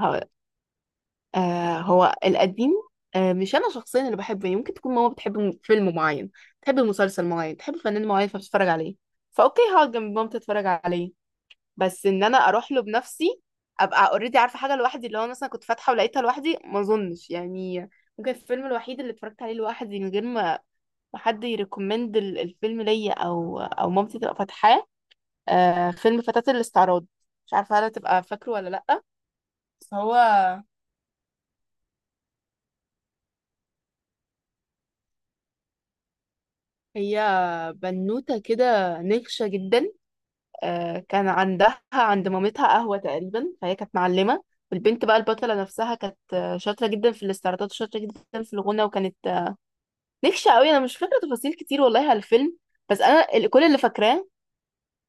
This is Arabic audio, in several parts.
هو هو القديم. مش انا شخصيا اللي بحبه، يعني ممكن تكون ماما بتحب فيلم معين، تحب مسلسل معين، تحب فنان معين، فبتتفرج عليه، فاوكي هقعد جنب مامتي اتفرج عليه. بس ان انا اروح له بنفسي ابقى اوريدي عارفه حاجه لوحدي، اللي هو مثلا كنت فاتحه ولقيتها لوحدي، ما اظنش يعني. ممكن الفيلم الوحيد اللي اتفرجت عليه لوحدي من غير ما حد يريكومند الفيلم ليا، او مامتي تبقى فاتحاه، فيلم فتاة الاستعراض. مش عارفه هل تبقى فاكره ولا لا. بس هي بنوتة كده نكشة جدا. كان عندها عند مامتها قهوة تقريبا، فهي كانت معلمة. والبنت بقى البطلة نفسها كانت شاطرة جدا في الاستعراضات، وشاطرة جدا في الغنى، وكانت نكشة قوي. أنا مش فاكرة تفاصيل كتير والله على الفيلم، بس أنا كل اللي فاكراه.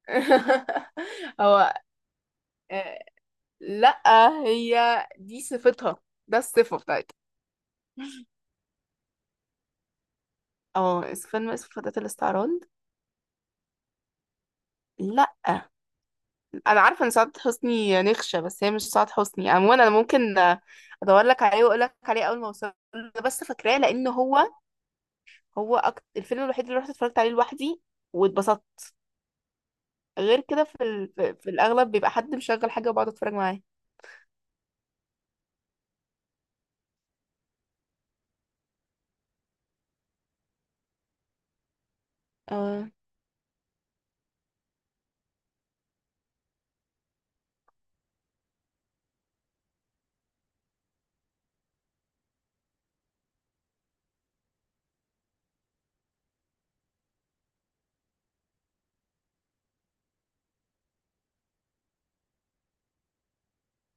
هو آه، لأ، هي دي صفتها، ده الصفة بتاعتها. اه، فيلم اسمه فتاة الاستعراض. لأ، انا عارفه ان سعاد حسني نخشه، بس هي مش سعاد حسني. عموما انا ممكن ادور لك عليه واقول لك عليه اول ما اوصل له، بس فاكراه لان هو الفيلم الوحيد اللي رحت اتفرجت عليه لوحدي واتبسطت. غير كده في ال... في في الاغلب بيبقى حد مشغل حاجه وبقعد اتفرج معاه. اه.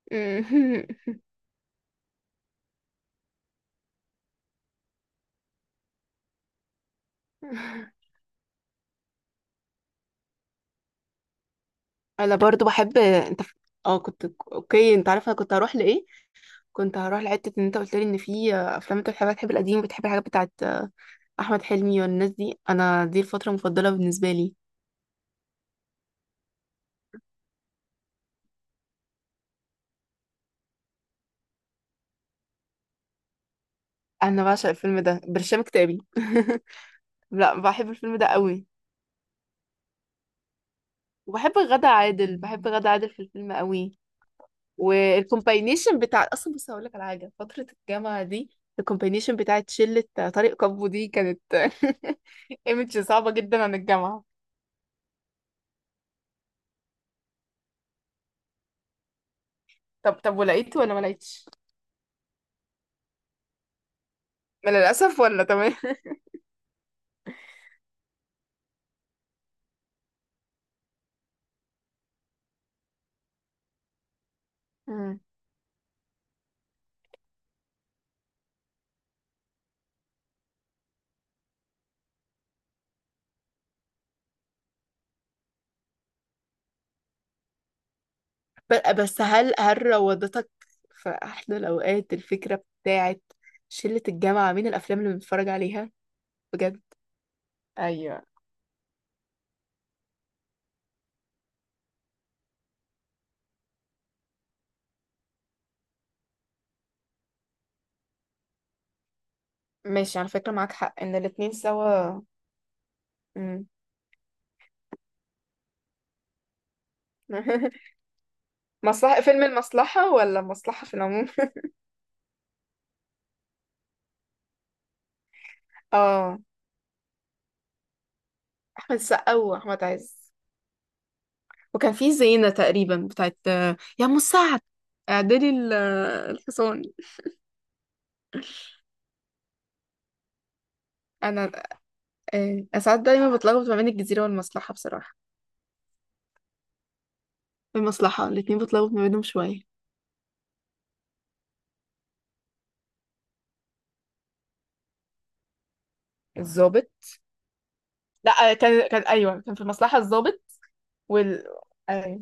انا برضو بحب. انت اه كنت اوكي؟ انت عارفه انا كنت هروح لايه، كنت هروح لحته ان انت قلت لي ان في افلام انت بتحبها، بتحب القديم وبتحب الحاجات بتاعت احمد حلمي والناس دي. انا دي الفتره المفضله بالنسبه لي. انا بعشق الفيلم ده برشام كتابي. لا، بحب الفيلم ده قوي. وبحب غادة عادل، بحب غادة عادل في الفيلم قوي. والكومباينيشن بتاع، اصلا بص هقول لك على حاجه، فتره الجامعه دي، الكومباينيشن بتاعت شله طارق كابو دي كانت ايمج صعبه جدا عن الجامعه. طب، ولقيت ولا ما لقيتش؟ ما للاسف ولا تمام؟ مم. بس هل روضتك في احلى الاوقات الفكره بتاعت شله الجامعه، مين الافلام اللي بنتفرج عليها؟ بجد. ايوه، ماشي على فكرة، معاك حق ان الاتنين سوا. مم. مصلحة! فيلم المصلحة ولا مصلحة في العموم؟ اه، احمد السقا واحمد عز. وكان في زينة تقريبا بتاعت يا ام سعد، اعدلي الحصان. انا آه، أنا ساعات دايما بتلخبط ما بين الجزيرة والمصلحة بصراحة. في المصلحة الاتنين بتلخبط ما بينهم شوية. الظابط؟ لا كان، ايوه، كان في المصلحة الضابط. وال آه،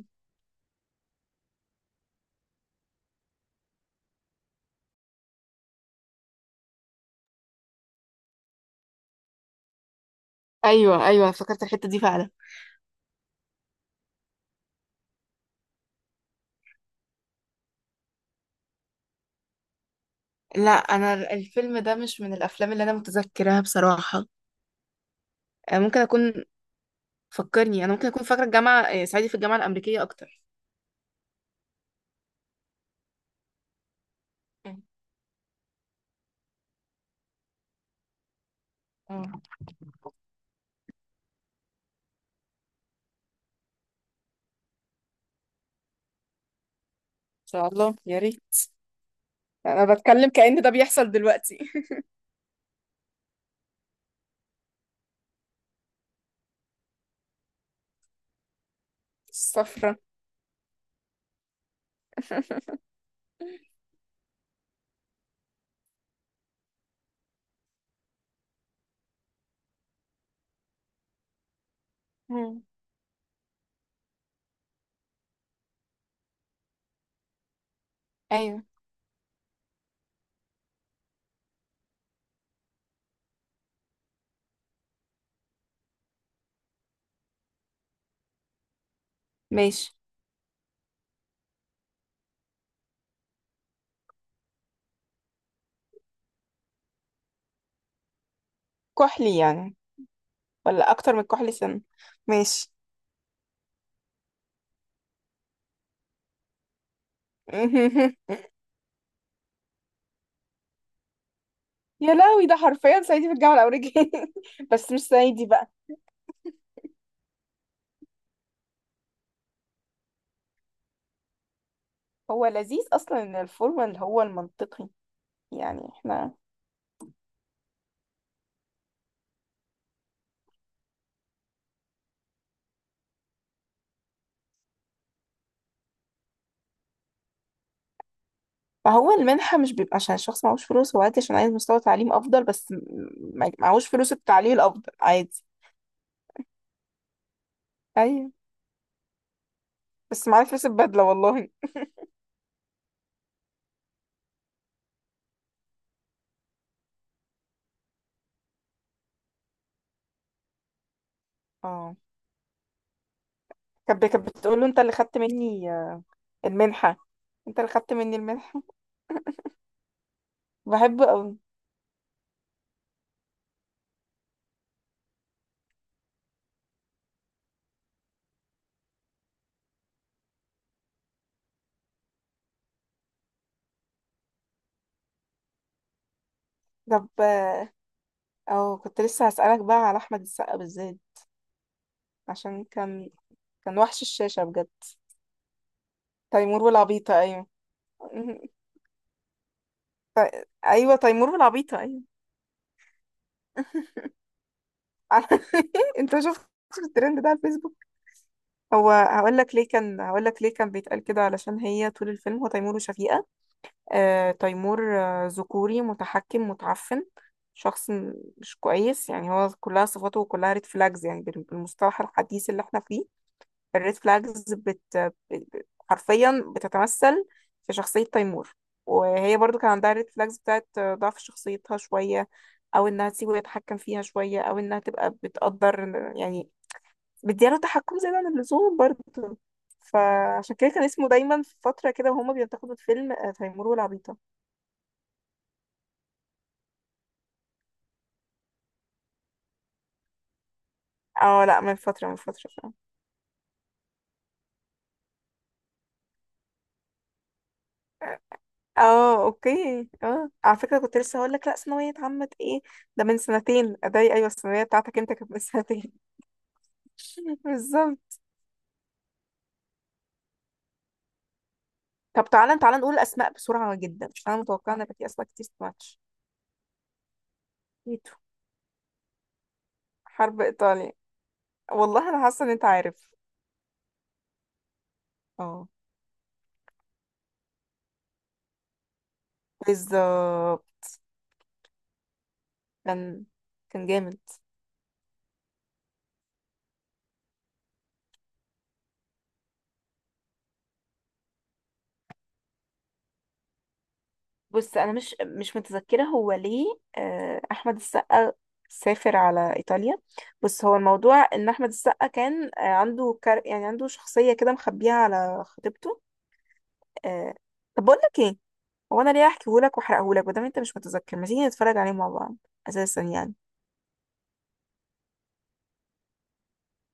ايوه ايوه، افتكرت الحتة دي فعلا. لا، انا الفيلم ده مش من الافلام اللي انا متذكراها بصراحه. ممكن اكون، فكرني، انا ممكن اكون فاكره الجامعه. صعيدي في الجامعه الامريكيه اكتر. مم. ان شاء الله، يا ريت. انا بتكلم كأن ده بيحصل دلوقتي. الصفرة. مم. ايوه، ماشي. كحلي يعني ولا اكتر من كحلي سنة؟ ماشي. يا لهوي، ده حرفيا صعيدي في الجامعة الأمريكية. بس مش صعيدي بقى. هو لذيذ أصلا إن الفورمال هو المنطقي. يعني احنا، فهو المنحة مش بيبقى عشان الشخص معهوش فلوس، هو عادي عشان عايز مستوى تعليم أفضل، بس معهوش فلوس، التعليم الأفضل عادي. أيوة. بس معاه فلوس البدلة والله. اه، كانت بتقول له أنت اللي خدت مني المنحة، أنت اللي خدت مني المنحة. بحبه أوي. طب أه، كنت لسه هسألك بقى على أحمد السقا بالذات. عشان كان وحش الشاشة بجد. تيمور والعبيطة، أيوة. أيوة، تيمور والعبيطة، أيوة. على- أنت شفت الترند ده على الفيسبوك؟ هو هقول لك ليه كان هقول لك ليه كان بيتقال كده. علشان هي طول الفيلم، هو تيمور وشفيقة. تيمور ذكوري، متحكم، متعفن، شخص مش كويس يعني. هو كلها، صفاته كلها ريد فلاجز يعني، بالمصطلح الحديث اللي احنا فيه. الريد فلاجز حرفيا بتتمثل في شخصية تيمور. وهي برضو كان عندها ريد فلاجز بتاعت ضعف شخصيتها شوية، او انها تسيبه يتحكم فيها شوية، او انها تبقى بتقدر يعني مدياله تحكم زيادة عن اللزوم برضه. فعشان كده كان اسمه دايما في فترة كده وهما بينتقدوا الفيلم تيمور والعبيطة. اه لا، من فترة، من فترة فعلا. اه اوكي، اه على فكرة، كنت لسه هقول لك لا، ثانوية عامة ايه؟ ده من سنتين اداي؟ ايوه، الثانوية بتاعتك انت كانت من سنتين. بالظبط. طب تعالى تعالى نقول اسماء بسرعة جدا، عشان انا متوقعة ان يبقى في اسماء كتير ماتش. تيتو. حرب ايطاليا. والله انا حاسة ان انت عارف. اه، بالظبط، كان كان جامد. بص، انا مش متذكره هو ليه. احمد السقا سافر على ايطاليا، بس هو الموضوع ان احمد السقا كان عنده يعني عنده شخصيه كده مخبيها على خطيبته. آه، طب بقول لك ايه، هو انا ليه احكيه لك واحرقه لك؟ بدل انت مش متذكر، ما تيجي نتفرج عليه مع بعض اساسا يعني.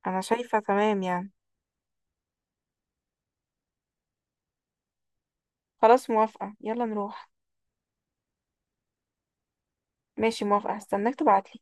انا شايفه تمام يعني، خلاص موافقه يلا نروح. ماشي، موافقه، هستناك تبعتلي.